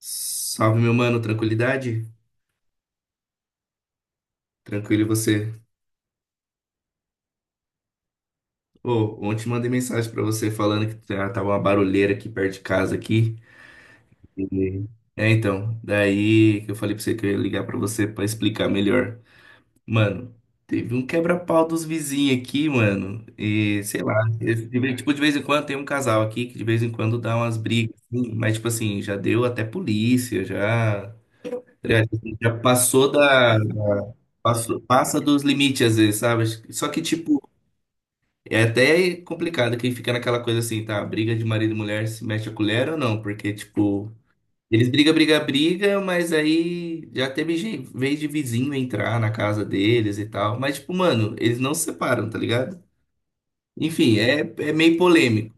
Salve, meu mano, tranquilidade? Tranquilo e você? Ô, ontem mandei mensagem pra você falando que tava uma barulheira aqui perto de casa aqui. E- É, então, daí que eu falei pra você que eu ia ligar pra você pra explicar melhor. Mano, teve um quebra-pau dos vizinhos aqui, mano. E sei lá, tipo, de vez em quando tem um casal aqui que de vez em quando dá umas brigas, assim, mas tipo assim, já deu até polícia, já. É, a gente já passou da, da- passou- passa dos limites às vezes, sabe? Só que, tipo, é até complicado quem fica naquela coisa assim, tá? Briga de marido e mulher se mexe a colher ou não? Porque, tipo, eles brigam, brigam, brigam, mas aí já teve vez de vizinho entrar na casa deles e tal. Mas, tipo, mano, eles não se separam, tá ligado? Enfim, é meio polêmico,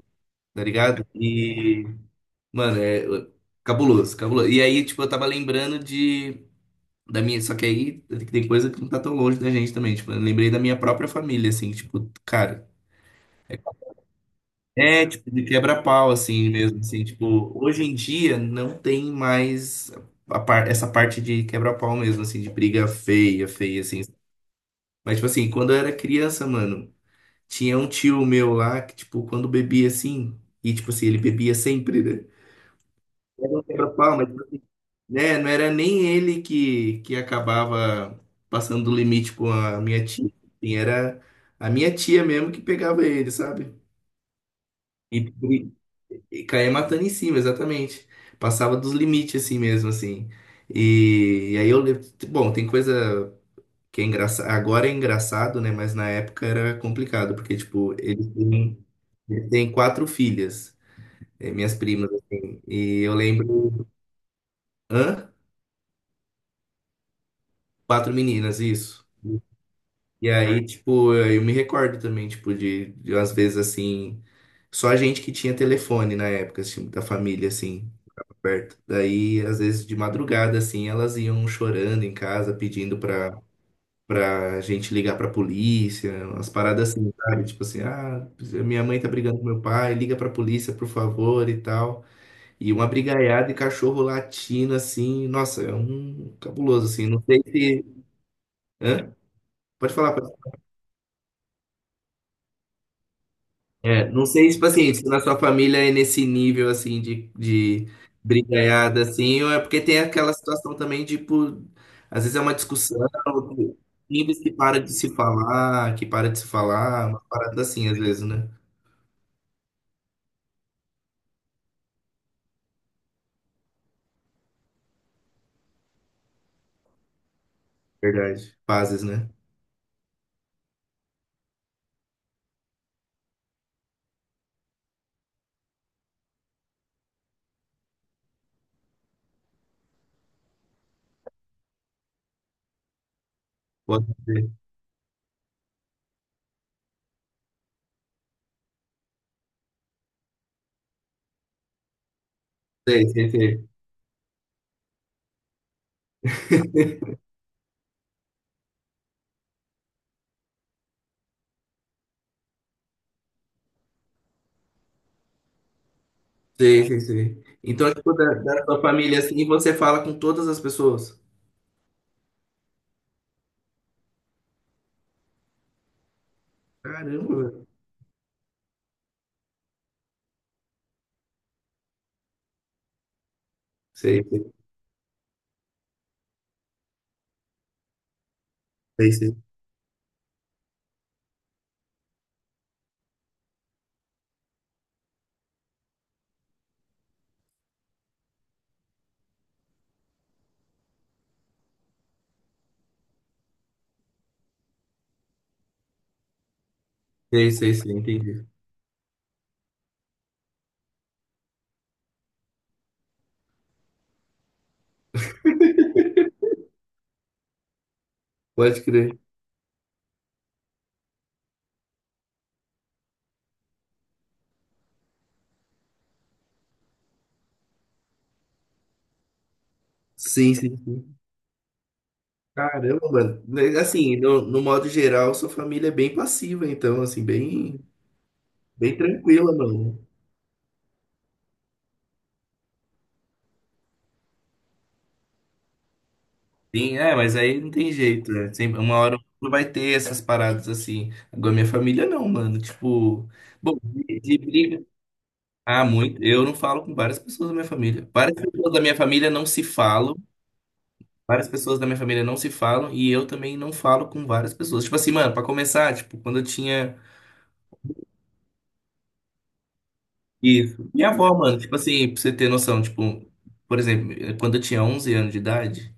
tá ligado? E, mano, é cabuloso, cabuloso. E aí, tipo, eu tava lembrando de. Da minha, só que aí tem coisa que não tá tão longe da gente também. Tipo, eu lembrei da minha própria família, assim, tipo, cara. É, tipo, de quebra-pau, assim mesmo. Assim, tipo, hoje em dia não tem mais essa parte de quebra-pau mesmo, assim, de briga feia, feia, assim. Mas, tipo, assim, quando eu era criança, mano, tinha um tio meu lá que, tipo, quando bebia assim, e, tipo, assim, ele bebia sempre, né? Era um quebra-pau, mas né? Não era nem ele que acabava passando do limite com a minha tia. Assim, era a minha tia mesmo que pegava ele, sabe? E, e, e caía matando em cima, exatamente. Passava dos limites assim mesmo, assim. E, e aí eu. le- Bom, tem coisa que é engraçada. Agora é engraçado, né? Mas na época era complicado, porque, tipo, ele tem 4 filhas, minhas primas, assim. E eu lembro. Hã? 4 meninas, isso. E aí, tipo, eu me recordo também, tipo, de às vezes assim, só a gente que tinha telefone na época, assim, da família, assim, perto. Daí, às vezes, de madrugada, assim, elas iam chorando em casa, pedindo pra gente ligar pra polícia, umas paradas assim, sabe? Tipo assim, ah, minha mãe tá brigando com meu pai, liga pra polícia, por favor, e tal. E uma brigaiada e cachorro latindo, assim, nossa, é um cabuloso, assim, não sei se. Hã? Pode falar, pode. É, não sei, tipo assim, se na sua família é nesse nível, assim, de brigaiada, assim, ou é porque tem aquela situação também, tipo, às vezes é uma discussão, times que para de se falar, que para de se falar, uma parada assim, às vezes, né? Verdade. Fases, né? Pode ser. Sei, sei, sei. Sei, sei, sei. Então, tipo, da sua família, assim, você fala com todas as pessoas. Caramba, velho. Sei, sei, sei, sei. Sei, sei, sei, entendi. Pode crer. Sim, sim, sim. Caramba, mano. Né, assim, no modo geral, sua família é bem passiva, então, assim, bem, bem tranquila, mano. Sim, é, mas aí não tem jeito, né? Sempre, uma hora ou outra vai ter essas paradas assim. Agora, minha família não, mano. Tipo, bom, de briga. Ah, muito. Eu não falo com várias pessoas da minha família. Várias pessoas da minha família não se falam. Várias pessoas da minha família não se falam. E eu também não falo com várias pessoas. Tipo assim, mano, pra começar, tipo, quando eu tinha. Isso. Minha avó, mano, tipo assim, pra você ter noção, tipo, por exemplo, quando eu tinha 11 anos de idade,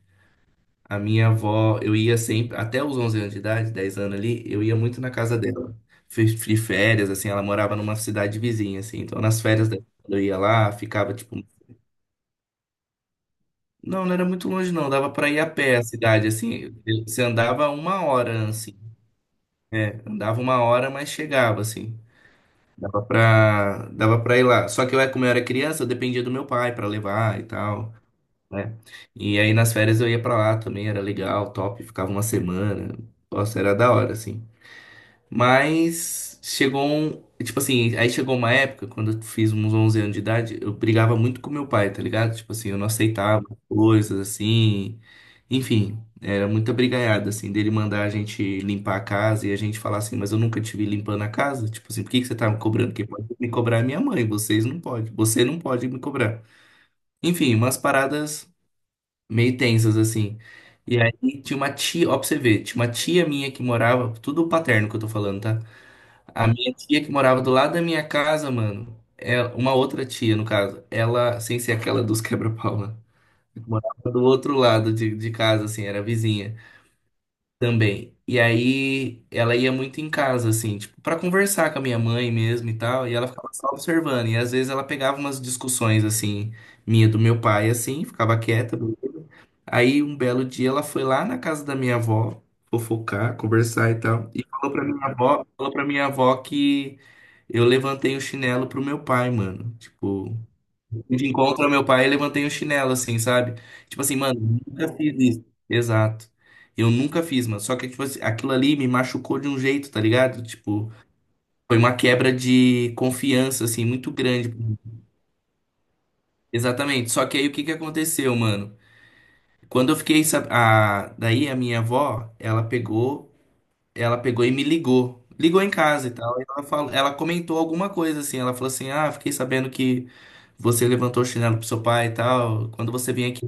a minha avó, eu ia sempre, até os 11 anos de idade, 10 anos ali, eu ia muito na casa dela. Fiz de férias, assim, ela morava numa cidade vizinha, assim, então nas férias dela, quando eu ia lá, ficava, tipo, não, não era muito longe, não, dava pra ir a pé a cidade, assim, você andava uma hora, assim, é, andava uma hora, mas chegava, assim. Dava pra ir lá. Só que eu, como eu era criança, eu dependia do meu pai pra levar e tal, né? E aí nas férias eu ia pra lá também, era legal, top, ficava uma semana. Nossa, era da hora, assim. Mas chegou um. Tipo assim, aí chegou uma época, quando eu fiz uns 11 anos de idade, eu brigava muito com meu pai, tá ligado? Tipo assim, eu não aceitava coisas assim. Enfim, era muita brigaiada, assim, dele mandar a gente limpar a casa e a gente falar assim, mas eu nunca te vi limpando a casa. Tipo assim, por que que você tá me cobrando? Quem pode me cobrar é minha mãe, vocês não podem. Você não pode me cobrar. Enfim, umas paradas meio tensas, assim. E aí tinha uma tia, ó, pra você ver, tinha uma tia minha que morava, tudo paterno que eu tô falando, tá? A minha tia que morava do lado da minha casa, mano, é uma outra tia, no caso, ela, sem ser aquela dos quebra-pau, né? Morava do outro lado de casa, assim, era vizinha também. E aí ela ia muito em casa, assim, tipo, pra conversar com a minha mãe mesmo e tal. E ela ficava só observando. E às vezes ela pegava umas discussões, assim, minha do meu pai, assim, ficava quieta. Beleza. Aí um belo dia ela foi lá na casa da minha avó fofocar, conversar e tal. E falou pra minha avó, falou pra minha avó que eu levantei o chinelo pro meu pai, mano. Tipo gente encontra meu pai, e levantei o chinelo, assim, sabe? Tipo assim, mano, nunca fiz isso. Exato. Eu nunca fiz, mano. Só que, tipo assim, aquilo ali me machucou de um jeito, tá ligado? Tipo, foi uma quebra de confiança, assim, muito grande. Exatamente. Só que aí o que que aconteceu, mano? Quando eu fiquei, daí a minha avó, ela pegou e me ligou. Ligou em casa e tal. E ela comentou alguma coisa assim. Ela falou assim: Ah, fiquei sabendo que você levantou o chinelo pro seu pai e tal. Quando você vem aqui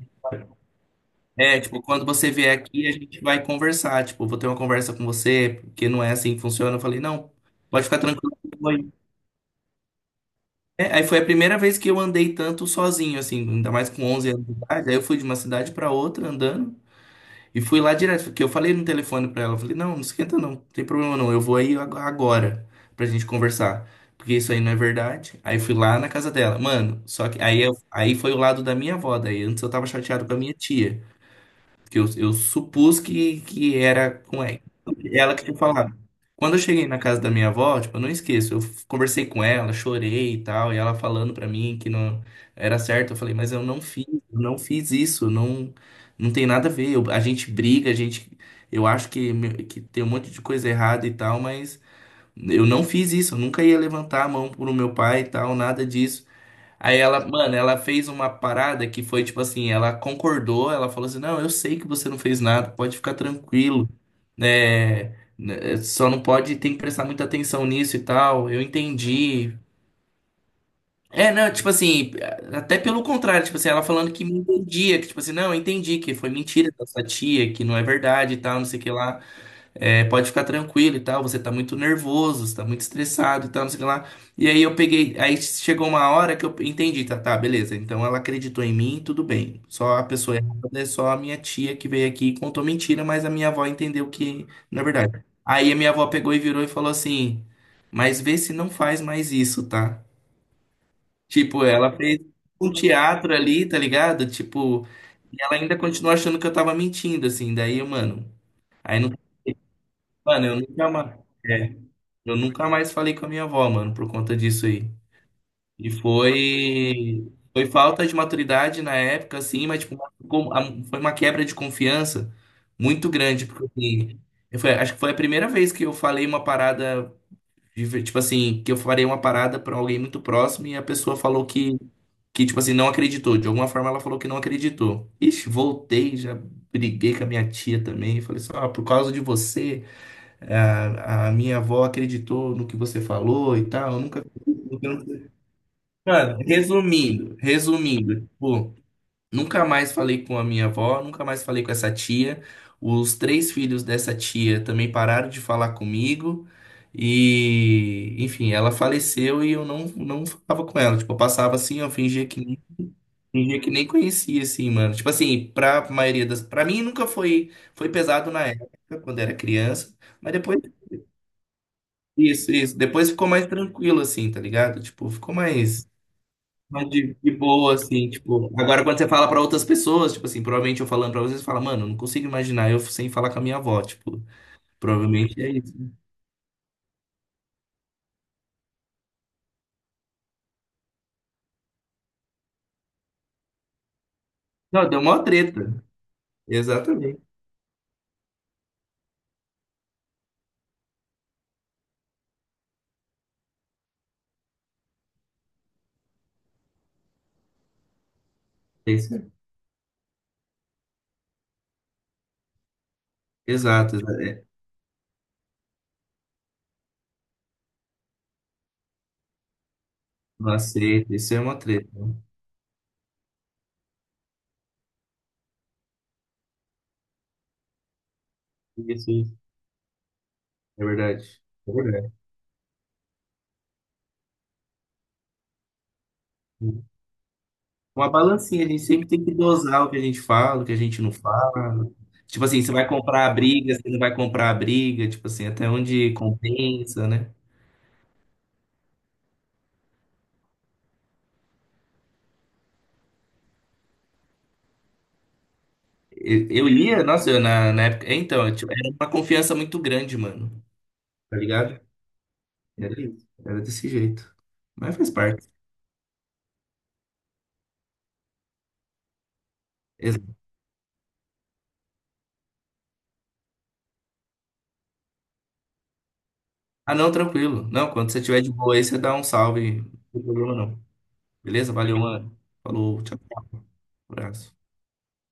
É, tipo, quando você vier aqui, a gente vai conversar. Tipo, vou ter uma conversa com você, porque não é assim que funciona. Eu falei, não, pode ficar tranquilo. Foi. É, aí foi a primeira vez que eu andei tanto sozinho, assim, ainda mais com 11 anos de idade. Aí eu fui de uma cidade pra outra andando e fui lá direto, porque eu falei no telefone pra ela. Eu falei, não, não esquenta não, não tem problema não, eu vou aí agora pra gente conversar. Porque isso aí não é verdade. Aí fui lá na casa dela. Mano, só que aí, aí foi o lado da minha avó. Daí antes eu tava chateado com a minha tia, que eu supus que era com ela, ela que tinha falado. Quando eu cheguei na casa da minha avó, tipo, eu não esqueço, conversei com ela, chorei e tal, e ela falando pra mim que não era certo, eu falei, mas eu não fiz isso, não, não tem nada a ver. A gente briga, a gente, eu acho que, que tem um monte de coisa errada e tal, mas eu não fiz isso, eu nunca ia levantar a mão pro meu pai e tal, nada disso. Aí ela, mano, ela fez uma parada que foi tipo assim, ela concordou, ela falou assim, não, eu sei que você não fez nada, pode ficar tranquilo, né? Só não pode, tem que prestar muita atenção nisso e tal, eu entendi. É, não, tipo assim, até pelo contrário, tipo assim, ela falando que me entendia, que tipo assim, não, eu entendi que foi mentira da sua tia, que não é verdade e tal, não sei o que lá. É, pode ficar tranquilo e tal, você tá muito nervoso, você tá muito estressado e tal, não sei o que lá. E aí eu peguei, aí chegou uma hora que eu entendi, tá, tá, beleza. Então ela acreditou em mim, tudo bem. Só a pessoa errada é só a minha tia que veio aqui e contou mentira, mas a minha avó entendeu que, na verdade. Aí a minha avó pegou e virou e falou assim: Mas vê se não faz mais isso, tá? Tipo, ela fez um teatro ali, tá ligado? Tipo, e ela ainda continuou achando que eu tava mentindo, assim. Daí, mano, aí não, mano, eu nunca mais. Eu nunca mais falei com a minha avó, mano, por conta disso aí. E foi. Foi falta de maturidade na época, assim, mas tipo, como- a- foi uma quebra de confiança muito grande, porque assim, acho que foi a primeira vez que eu falei uma parada, tipo assim, que eu falei uma parada pra alguém muito próximo e a pessoa falou que, tipo assim, não acreditou. De alguma forma ela falou que não acreditou. Ixi, voltei, já briguei com a minha tia também, falei só, ah, por causa de você. A minha avó acreditou no que você falou e tal. Eu nunca. Mano, resumindo, resumindo, tipo, nunca mais falei com a minha avó, nunca mais falei com essa tia. Os 3 filhos dessa tia também pararam de falar comigo. E, enfim, ela faleceu e eu não, não falava com ela. Tipo, eu passava assim, eu fingia que nem conhecia, assim, mano. Tipo assim, pra maioria das. Pra mim nunca foi, foi pesado na época, quando era criança. Mas depois. Isso, isso. Depois ficou mais tranquilo, assim, tá ligado? Tipo, ficou mais de boa, assim, tipo. Agora, quando você fala pra outras pessoas, tipo assim, provavelmente eu falando pra vocês, você fala, mano, eu não consigo imaginar eu sem falar com a minha avó, tipo, provavelmente é isso. Não, deu mó treta. Exatamente. É isso aí. Exato, é. Não aceito. Isso é uma treta. Isso, isso. É verdade. É verdade. Uma balancinha, a gente sempre tem que dosar o que a gente fala, o que a gente não fala. Tipo assim, você vai comprar a briga, você não vai comprar a briga, tipo assim, até onde compensa, né? Eu lia, nossa, eu na época. Então, tipo, era uma confiança muito grande, mano. Tá ligado? Era isso. Era desse jeito. Mas faz parte. Exa- Ah, não, tranquilo. Não, quando você tiver de boa aí, você dá um salve. Não tem problema, não. Beleza? Valeu, mano. Falou, tchau, tchau. Abraço.